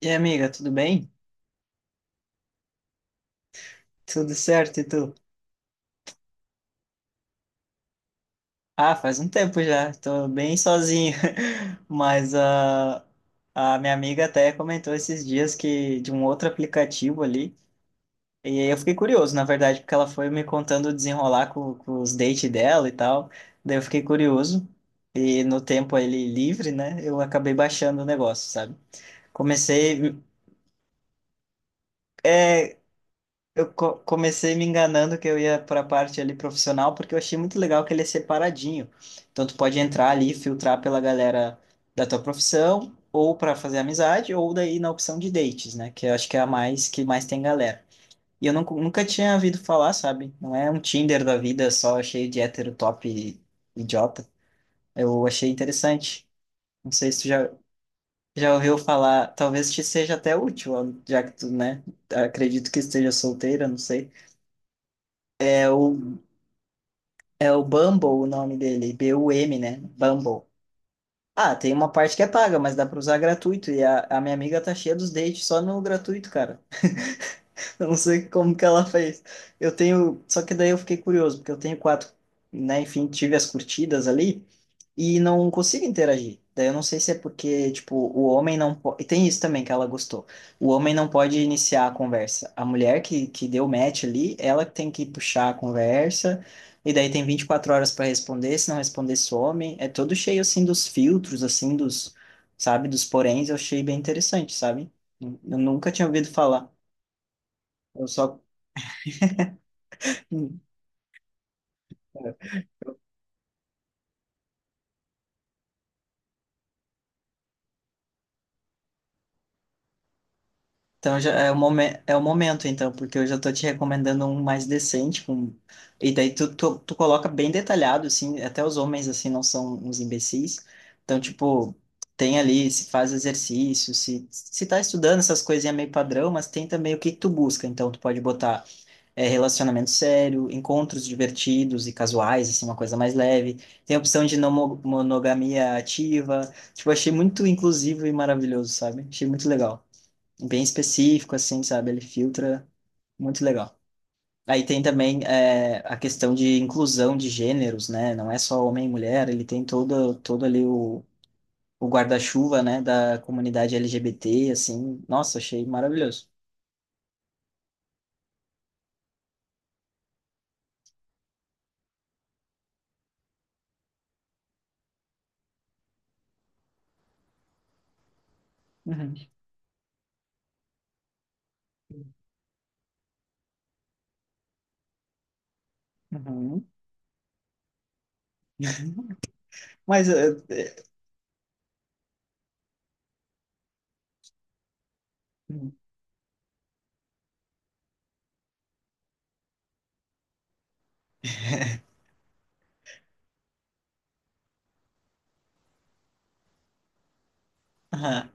E aí, amiga, tudo bem? Tudo certo, e tu? Ah, faz um tempo já, tô bem sozinho. Mas a minha amiga até comentou esses dias que de um outro aplicativo ali, e aí eu fiquei curioso, na verdade, porque ela foi me contando o desenrolar com os dates dela e tal, daí eu fiquei curioso, e no tempo ele livre, né, eu acabei baixando o negócio, sabe? Comecei. É. Comecei me enganando que eu ia para a parte ali profissional, porque eu achei muito legal que ele é separadinho. Então, tu pode entrar ali e filtrar pela galera da tua profissão, ou para fazer amizade, ou daí na opção de dates, né? Que eu acho que é a mais que mais tem galera. E eu nunca, nunca tinha ouvido falar, sabe? Não é um Tinder da vida só cheio de hétero top e- idiota. Eu achei interessante. Não sei se tu já ouviu falar, talvez te seja até útil, já que tu, né? Acredito que esteja solteira, não sei. É o Bumble o nome dele, B-U-M, né? Bumble. Ah, tem uma parte que é paga, mas dá pra usar gratuito. E a minha amiga tá cheia dos dates só no gratuito, cara. Eu não sei como que ela fez. Eu tenho. Só que daí eu fiquei curioso, porque eu tenho quatro, né? Enfim, tive as curtidas ali e não consigo interagir. Daí eu não sei se é porque, tipo, o homem não pode. E tem isso também que ela gostou. O homem não pode iniciar a conversa. A mulher que deu match ali, ela tem que puxar a conversa. E daí tem 24 horas para responder. Se não responder, some. É todo cheio, assim, dos filtros, assim, dos. Sabe? Dos poréns. Eu achei bem interessante, sabe? Eu nunca tinha ouvido falar. Eu só. Então já é o momento, então, porque eu já tô te recomendando um mais decente, com... E daí tu coloca bem detalhado, assim, até os homens, assim, não são uns imbecis. Então, tipo, tem ali se faz exercício, se tá estudando essas coisinhas meio padrão, mas tem também o que que tu busca. Então, tu pode botar é, relacionamento sério, encontros divertidos e casuais, assim, uma coisa mais leve. Tem a opção de não monogamia ativa. Tipo, achei muito inclusivo e maravilhoso, sabe? Achei muito legal, bem específico, assim, sabe? Ele filtra muito legal. Aí tem também é, a questão de inclusão de gêneros, né? Não é só homem e mulher, ele tem todo ali o guarda-chuva, né, da comunidade LGBT, assim. Nossa, achei maravilhoso. Uhum, uhum. Mas. É, é, aham,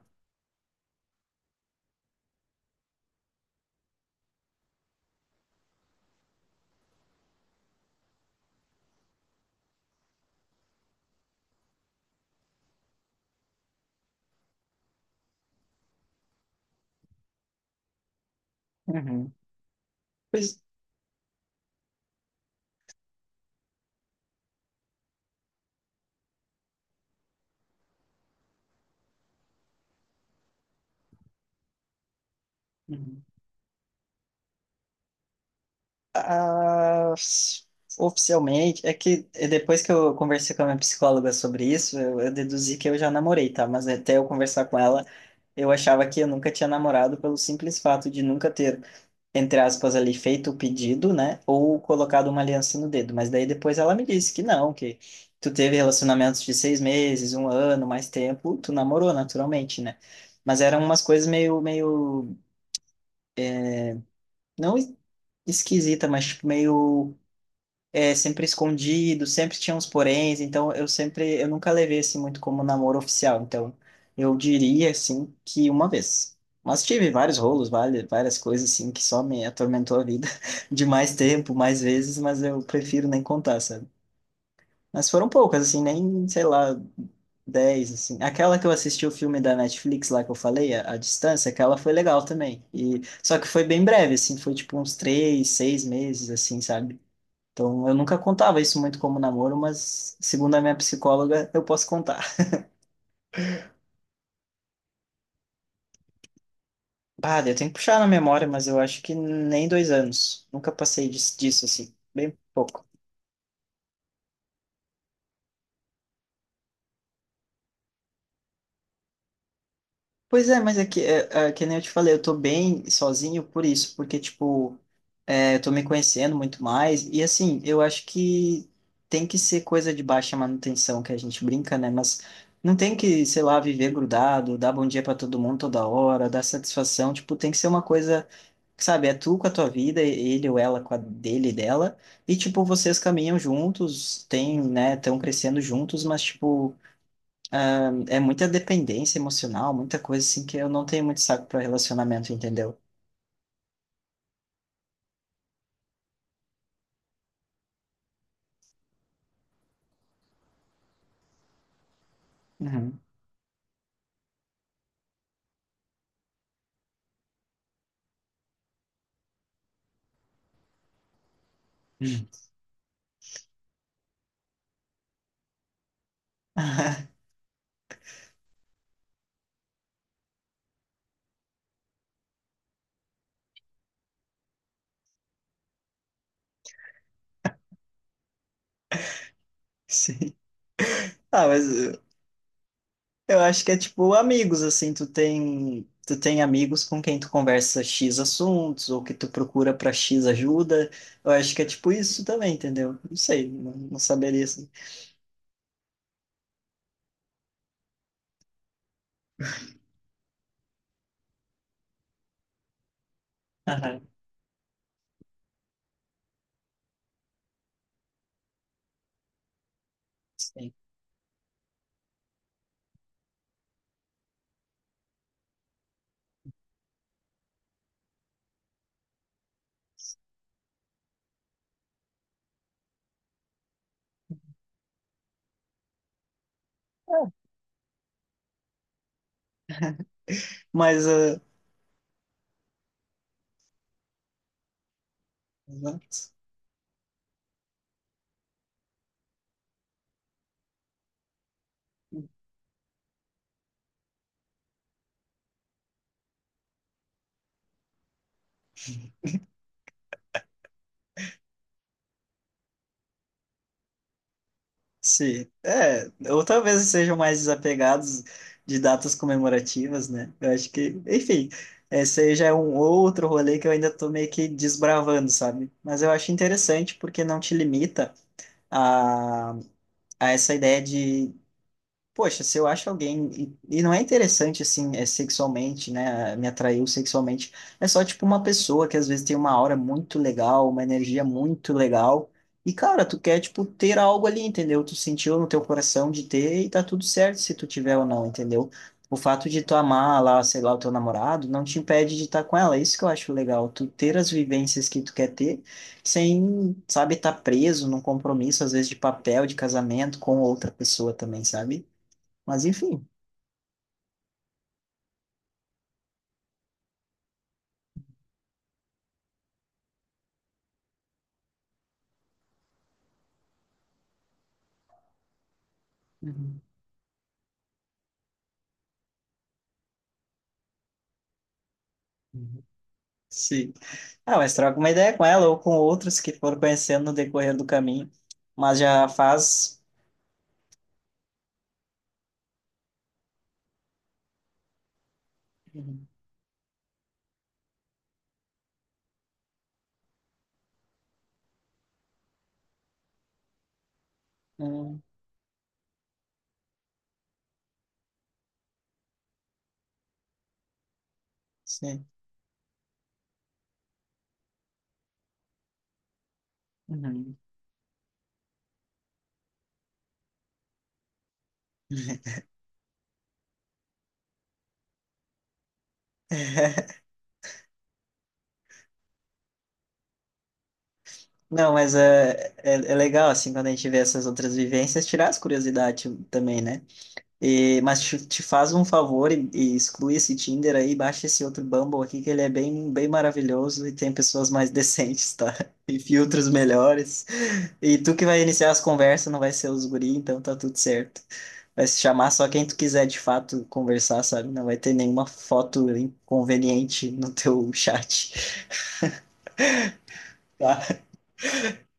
uhum. Pois, uhum. Ah, oficialmente, é que é, depois que eu conversei com a minha psicóloga sobre isso, eu deduzi que eu já namorei, tá? Mas até eu conversar com ela. Eu achava que eu nunca tinha namorado pelo simples fato de nunca ter, entre aspas, ali feito o pedido, né? Ou colocado uma aliança no dedo. Mas daí depois ela me disse que não, que tu teve relacionamentos de 6 meses, um ano, mais tempo, tu namorou naturalmente, né? Mas eram umas coisas meio, não esquisita, mas tipo, meio é, sempre escondido, sempre tinha uns poréns, então eu sempre, eu nunca levei assim muito como namoro oficial, então eu diria assim que uma vez. Mas tive vários rolos, várias, várias coisas assim que só me atormentou a vida de mais tempo, mais vezes, mas eu prefiro nem contar, sabe? Mas foram poucas, assim, nem, sei lá, 10 assim. Aquela que eu assisti o filme da Netflix lá que eu falei, a Distância, aquela foi legal também. E, só que foi bem breve, assim, foi tipo uns três, seis meses, assim, sabe? Então, eu nunca contava isso muito como namoro, mas segundo a minha psicóloga, eu posso contar. Ah, eu tenho que puxar na memória, mas eu acho que nem 2 anos. Nunca passei disso, assim, bem pouco. Pois é, mas é que nem eu te falei, eu tô bem sozinho por isso, porque, tipo, é, eu tô me conhecendo muito mais, e assim, eu acho que tem que ser coisa de baixa manutenção, que a gente brinca, né? Mas não tem que, sei lá, viver grudado, dar bom dia pra todo mundo toda hora, dar satisfação, tipo, tem que ser uma coisa. Sabe, é tu com a tua vida, ele ou ela com a dele e dela, e tipo, vocês caminham juntos, tem, né, estão crescendo juntos, mas tipo, é muita dependência emocional, muita coisa assim que eu não tenho muito saco para relacionamento, entendeu? Uhum. Sim. Ah, mas eu acho que é tipo amigos, assim, tu tem amigos com quem tu conversa X assuntos, ou que tu procura pra X ajuda. Eu acho que é tipo isso também, entendeu? Não sei, não, não saberia assim. Aham. Sim. Mas, sim, é, ou talvez sejam mais desapegados de datas comemorativas, né? Eu acho que, enfim, esse aí já é um outro rolê que eu ainda tô meio que desbravando, sabe? Mas eu acho interessante porque não te limita a, a essa ideia de: poxa, se eu acho alguém, e não é interessante assim, é sexualmente, né? Me atraiu sexualmente. É só tipo uma pessoa que às vezes tem uma aura muito legal, uma energia muito legal. E cara, tu quer tipo ter algo ali, entendeu? Tu sentiu no teu coração de ter e tá tudo certo se tu tiver ou não, entendeu? O fato de tu amar lá, sei lá, o teu namorado não te impede de estar com ela. Isso que eu acho legal, tu ter as vivências que tu quer ter sem, sabe, estar preso num compromisso às vezes de papel, de casamento com outra pessoa também, sabe? Mas enfim, uhum, uhum. Sim. Ah, mas troca uma ideia com ela ou com outros que foram conhecendo no decorrer do caminho. Mas já faz. Uhum. Hum, sim. Uhum. Não, mas é, é, é legal, assim, quando a gente vê essas outras vivências, tirar as curiosidades também, né? E, mas te faz um favor e exclui esse Tinder aí, baixa esse outro Bumble aqui, que ele é bem, bem maravilhoso e tem pessoas mais decentes, tá? E filtros melhores. E tu que vai iniciar as conversas, não vai ser os guri, então tá tudo certo. Vai se chamar só quem tu quiser de fato conversar, sabe? Não vai ter nenhuma foto inconveniente no teu chat, tá?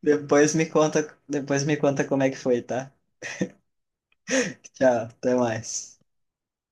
Depois me conta como é que foi, tá? Tchau, até mais.